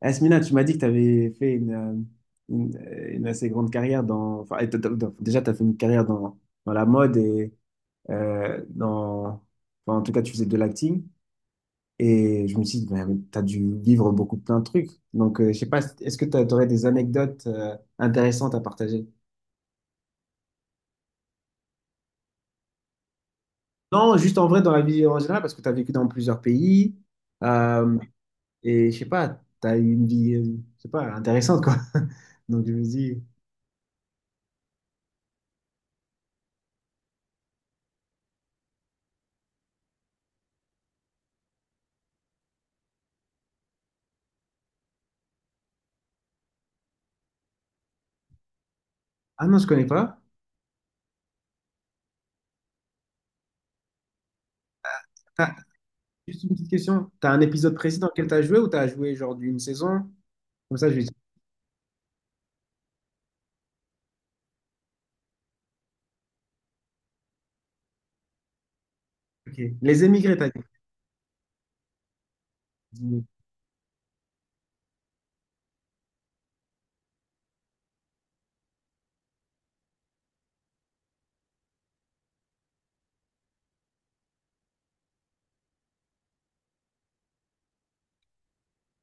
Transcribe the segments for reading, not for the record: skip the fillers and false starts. Asmina, tu m'as dit que tu avais fait une assez grande carrière dans... Enfin, et déjà, tu as fait une carrière dans la mode et dans... enfin, en tout cas, tu faisais de l'acting. Et je me suis dit, tu as dû vivre beaucoup plein de trucs. Donc, je sais pas, est-ce que tu aurais des anecdotes intéressantes à partager? Non, juste en vrai, dans la vie en général, parce que tu as vécu dans plusieurs pays. euh, et je sais pas, tu as eu une vie, je sais pas, intéressante, quoi. Donc, je me dis, ah non, je connais pas. Ah, juste une petite question. T'as un épisode précis dans lequel t'as joué ou t'as joué genre d'une saison? Comme ça, je vais dire. Ok. Les émigrés, t'as dit. Les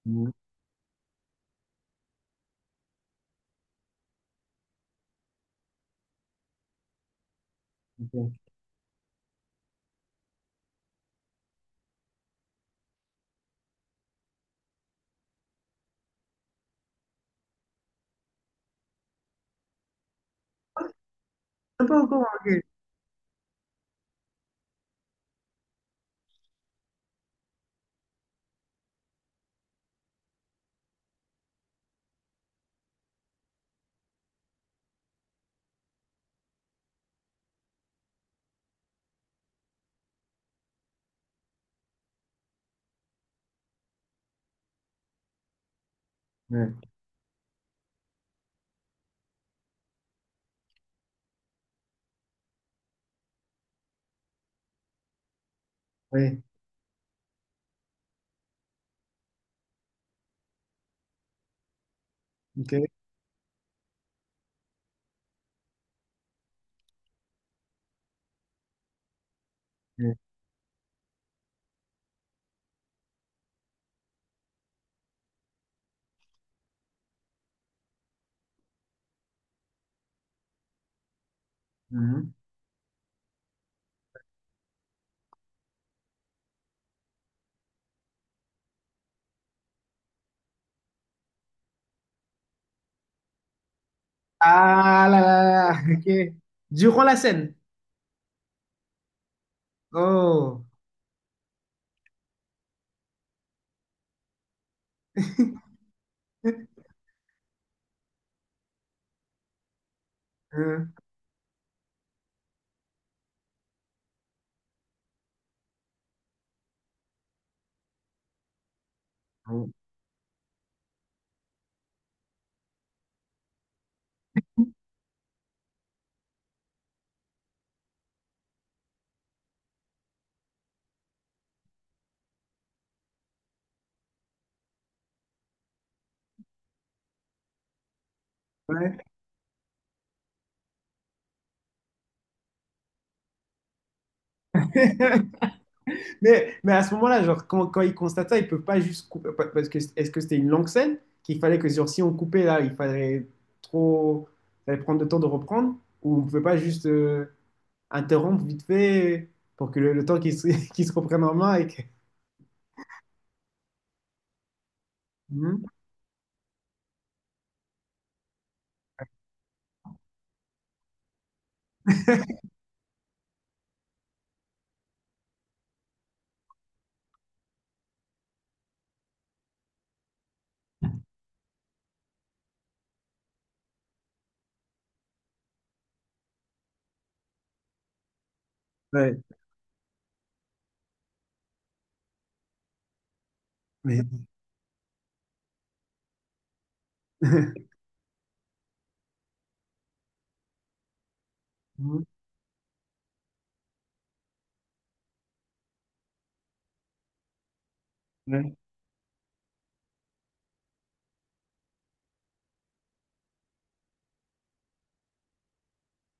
émigrés. Ok. Ah, pas encore, ok. Ouais. Ouais. Ok. Ouais. Mhm. Ah là là là, ok. Durant la scène. Oh. Hein. Ouais. Mais à ce moment-là, genre, quand ils constatent ça, ils peuvent pas juste couper. Parce que est-ce que c'était une longue scène qu'il fallait que genre, si on coupait là, il fallait trop. Il fallait prendre le temps de reprendre? Ou on pouvait pas juste. Interrompre vite fait pour que le temps qu'ils se, qu'ils se reprennent en main et que... Mhm. Ouais, mais. Mhm. Ouais,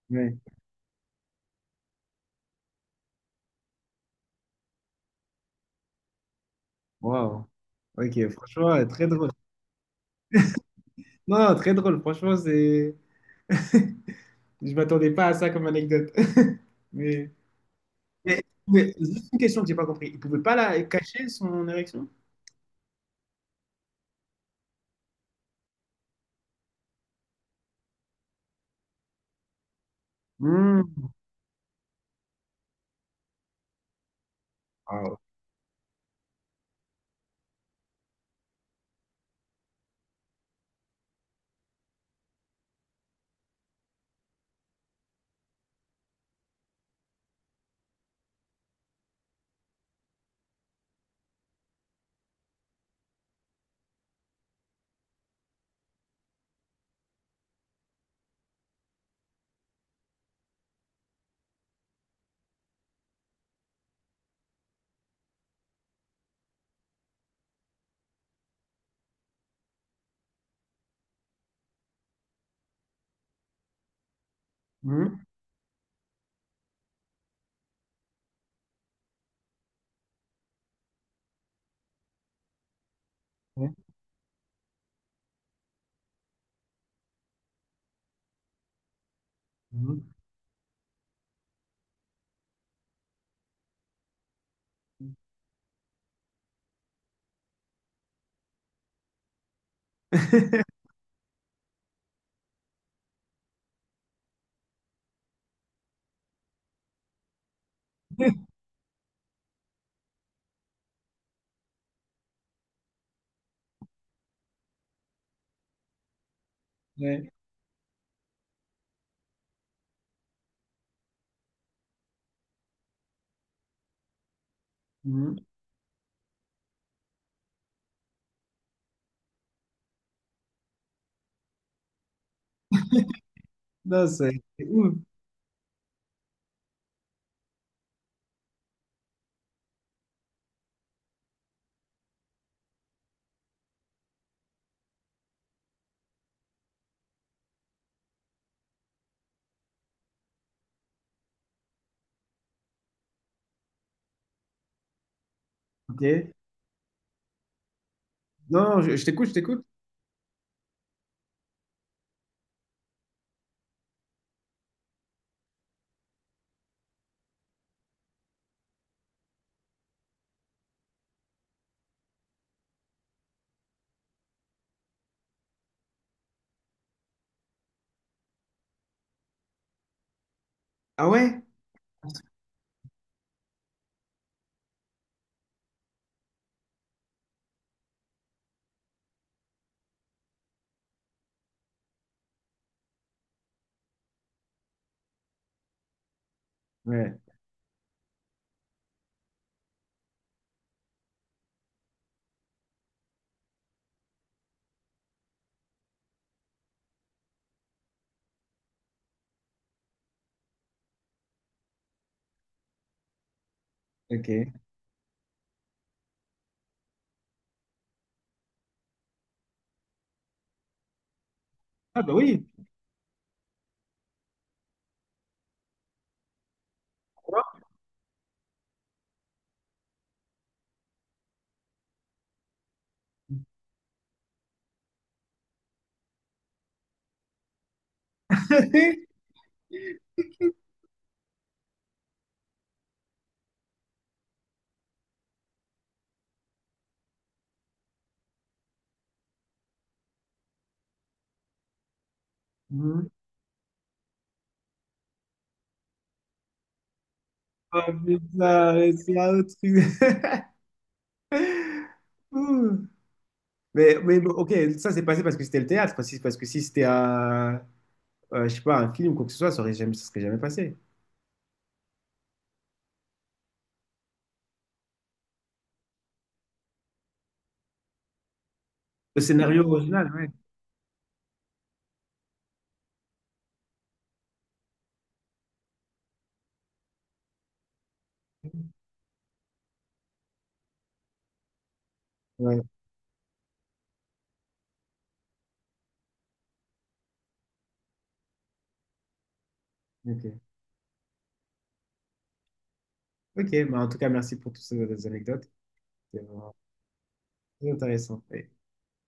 ouais. Waouh. Ok, franchement, très drôle. Non, très drôle, franchement, c'est... Je m'attendais pas à ça comme anecdote. Mais, mais juste une question que j'ai pas compris. Il pouvait pas la cacher son érection? Mhm. Waouh. Mhm. Ouais. Mhm. Ouais. Mhm. Non, c'est ouf. Ok. Non, je t'écoute, je t'écoute. Ah ouais? Ouais. Ok. Ah bah oui. Mhm. Oh putain, c'est un autre truc. De mais bon, ok, ça c'est passé parce que c'était le théâtre. Parce que si c'était un, je sais pas, un film ou quoi que ce soit, ça aurait jamais, ça serait jamais passé. Le scénario original, ouais. Ouais, ok. Ok, bah en tout cas, merci pour toutes ces anecdotes. C'était vraiment très intéressant.